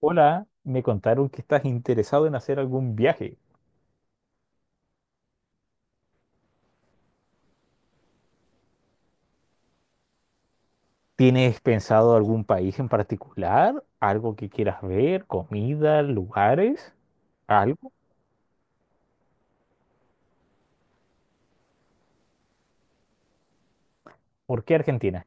Hola, me contaron que estás interesado en hacer algún viaje. ¿Tienes pensado algún país en particular? ¿Algo que quieras ver? ¿Comida? ¿Lugares? ¿Algo? ¿Por qué Argentina?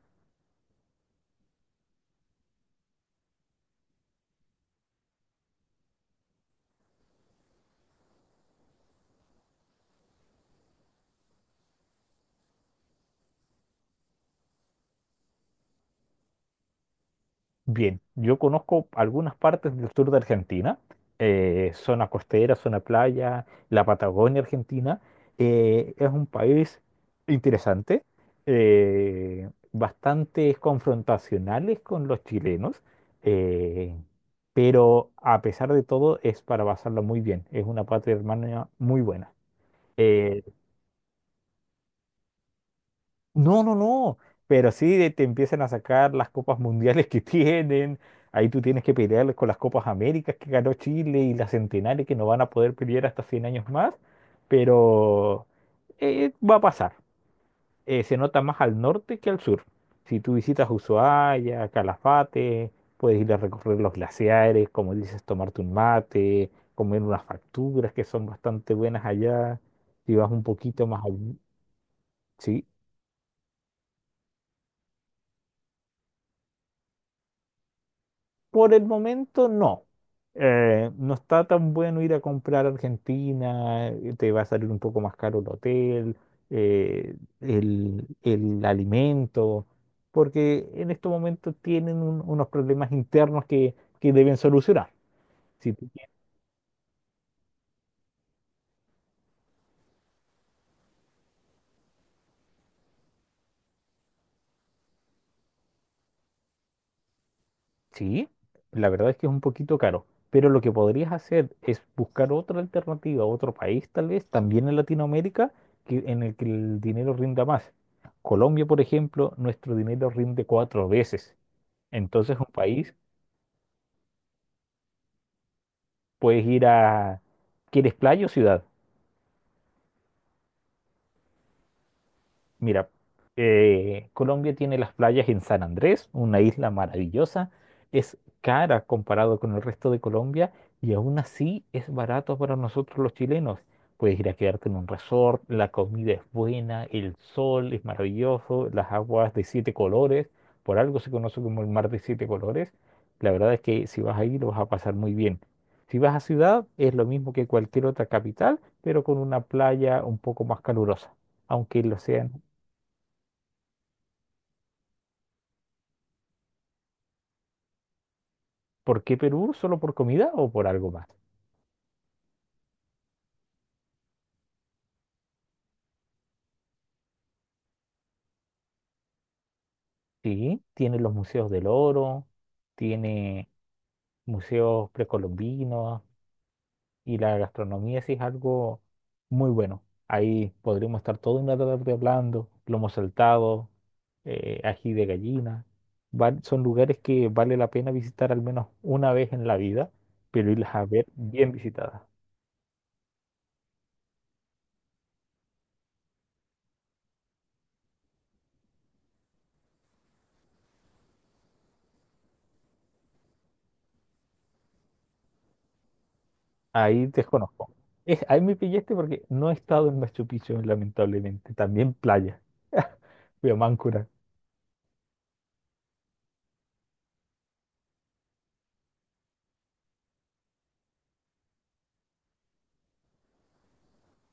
Bien, yo conozco algunas partes del sur de Argentina, zona costera, zona playa, la Patagonia Argentina. Es un país interesante, bastante confrontacionales con los chilenos, eh, pero a pesar de todo es para pasarlo muy bien. Es una patria hermana muy buena. Eh, No, no, no. Pero sí te empiezan a sacar las copas mundiales que tienen. Ahí tú tienes que pelear con las copas Américas que ganó Chile y las centenares que no van a poder pelear hasta 100 años más. Pero va a pasar. Se nota más al norte que al sur. Si tú visitas Ushuaia, Calafate, puedes ir a recorrer los glaciares, como dices, tomarte un mate, comer unas facturas que son bastante buenas allá. Si vas un poquito más allí, sí. Por el momento no. No está tan bueno ir a comprar a Argentina, te va a salir un poco más caro el hotel, eh, el alimento, porque en estos momentos tienen unos problemas internos que deben solucionar. Si tú sí, la verdad es que es un poquito caro, pero lo que podrías hacer es buscar otra alternativa, otro país tal vez, también en Latinoamérica, que, en el que el dinero rinda más. Colombia, por ejemplo, nuestro dinero rinde cuatro veces. Entonces, un país, puedes ir a... ¿Quieres playa o ciudad? Mira, Colombia tiene las playas en San Andrés, una isla maravillosa. Es cara comparado con el resto de Colombia y aún así es barato para nosotros los chilenos. Puedes ir a quedarte en un resort, la comida es buena, el sol es maravilloso, las aguas de siete colores, por algo se conoce como el mar de siete colores. La verdad es que si vas ahí lo vas a pasar muy bien. Si vas a ciudad es lo mismo que cualquier otra capital, pero con una playa un poco más calurosa aunque el océano ¿Por qué Perú? ¿Solo por comida o por algo más? Sí, tiene los museos del oro, tiene museos precolombinos y la gastronomía sí es algo muy bueno. Ahí podríamos estar toda una tarde hablando, lomo saltado, ají de gallina. Son lugares que vale la pena visitar al menos una vez en la vida, pero irlas a ver bien visitadas. Ahí desconozco. Es, ahí me pillaste porque no he estado en Machu Picchu, lamentablemente. También playa. Fui a Máncora.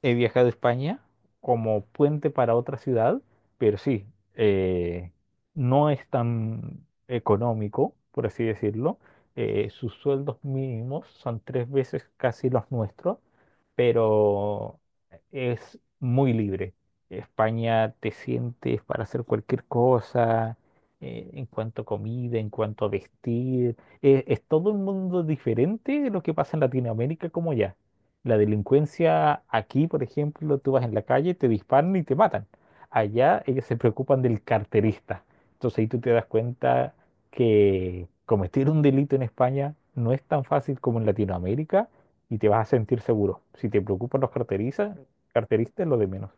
He viajado a España como puente para otra ciudad, pero sí, eh, no es tan económico, por así decirlo. Sus sueldos mínimos son tres veces casi los nuestros, pero es muy libre. España te sientes para hacer cualquier cosa, en cuanto a comida, en cuanto a vestir. Es todo un mundo diferente de lo que pasa en Latinoamérica como ya. La delincuencia aquí, por ejemplo, tú vas en la calle, te disparan y te matan. Allá ellos se preocupan del carterista. Entonces ahí tú te das cuenta que cometer un delito en España no es tan fácil como en Latinoamérica y te vas a sentir seguro. Si te preocupan los carteristas, carteristas es lo de menos.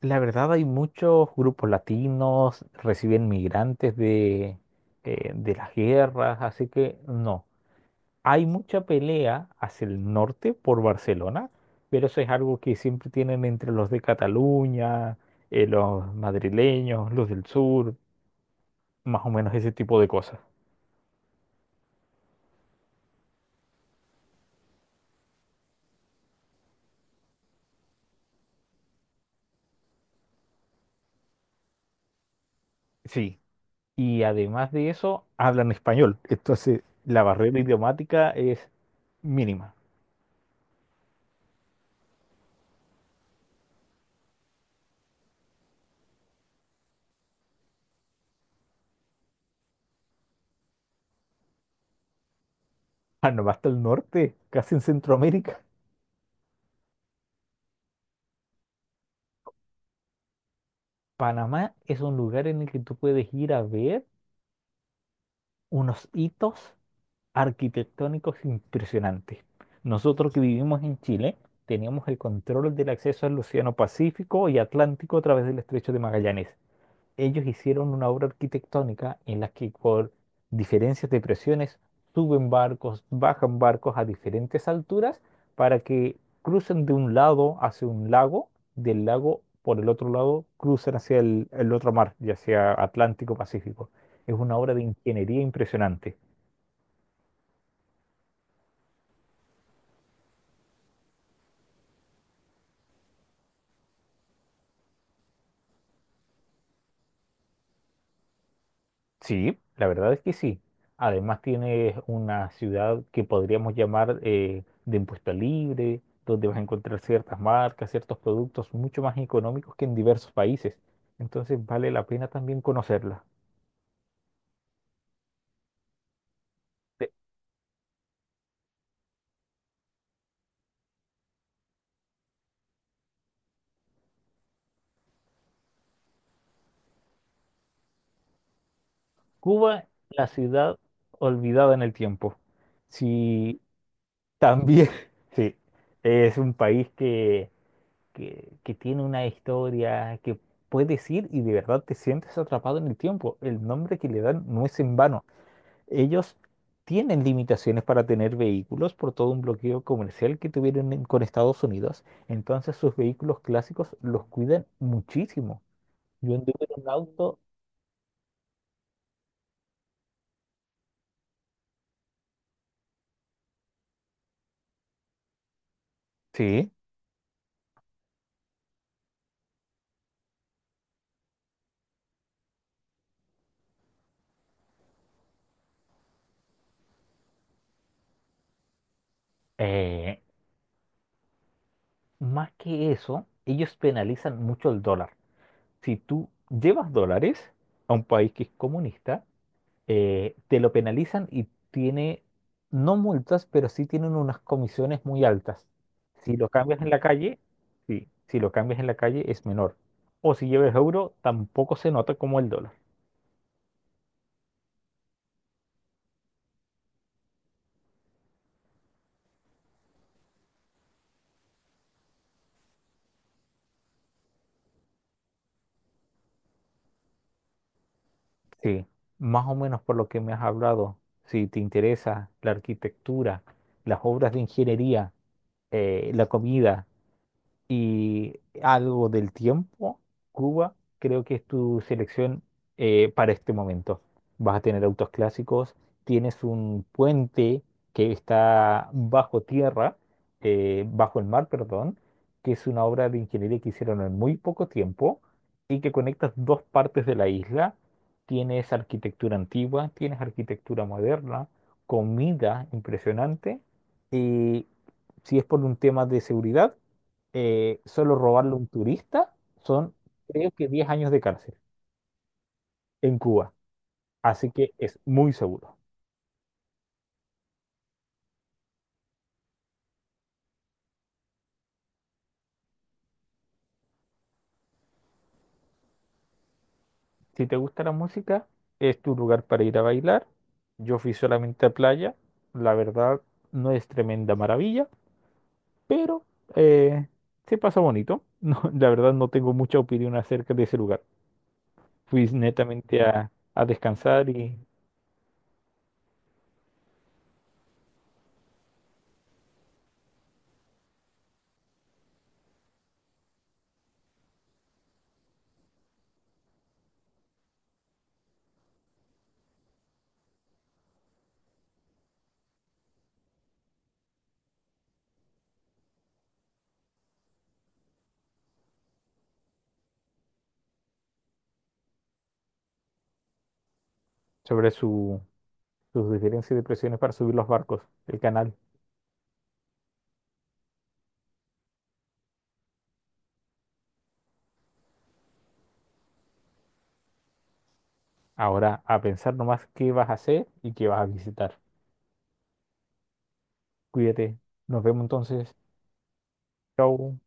La verdad hay muchos grupos latinos, reciben migrantes de las guerras, así que no. Hay mucha pelea hacia el norte por Barcelona, pero eso es algo que siempre tienen entre los de Cataluña, los madrileños, los del sur, más o menos ese tipo de cosas. Sí. Y además de eso, hablan español. Entonces, la barrera idiomática es mínima. Panamá hasta el norte, casi en Centroamérica. Panamá es un lugar en el que tú puedes ir a ver unos hitos arquitectónicos impresionantes. Nosotros que vivimos en Chile teníamos el control del acceso al Océano Pacífico y Atlántico a través del Estrecho de Magallanes. Ellos hicieron una obra arquitectónica en la que por diferencias de presiones suben barcos, bajan barcos a diferentes alturas para que crucen de un lado hacia un lago, del lago por el otro lado cruzan hacia el otro mar, ya sea Atlántico Pacífico. Es una obra de ingeniería impresionante. Sí, la verdad es que sí. Además tienes una ciudad que podríamos llamar de impuesto libre, donde vas a encontrar ciertas marcas, ciertos productos mucho más económicos que en diversos países. Entonces vale la pena también conocerla. De Cuba, la ciudad olvidada en el tiempo. Sí, también, sí, es un país que tiene una historia que puedes ir y de verdad te sientes atrapado en el tiempo. El nombre que le dan no es en vano. Ellos tienen limitaciones para tener vehículos por todo un bloqueo comercial que tuvieron con Estados Unidos. Entonces sus vehículos clásicos los cuidan muchísimo. Yo anduve en un auto. Sí. eh, Más que eso, ellos penalizan mucho el dólar. Si tú llevas dólares a un país que es comunista, te lo penalizan y tiene, no multas, pero sí tienen unas comisiones muy altas. Si lo cambias en la calle, sí, si lo cambias en la calle es menor. O si lleves euro, tampoco se nota como el dólar. Sí, más o menos por lo que me has hablado, si te interesa la arquitectura, las obras de ingeniería, la comida, y algo del tiempo, Cuba, creo que es tu selección para este momento. Vas a tener autos clásicos, tienes un puente que está bajo tierra, bajo el mar, perdón, que es una obra de ingeniería que hicieron en muy poco tiempo y que conectas dos partes de la isla. Tienes arquitectura antigua, tienes arquitectura moderna, comida impresionante y si es por un tema de seguridad, solo robarle a un turista son, creo que 10 años de cárcel en Cuba. Así que es muy seguro. Si te gusta la música, es tu lugar para ir a bailar. Yo fui solamente a playa. La verdad, no es tremenda maravilla, pero eh, se pasa bonito. No, la verdad, no tengo mucha opinión acerca de ese lugar. Fui netamente a descansar y sobre su, sus diferencias de presiones para subir los barcos, el canal. Ahora a pensar nomás qué vas a hacer y qué vas a visitar. Cuídate. Nos vemos entonces. Chau.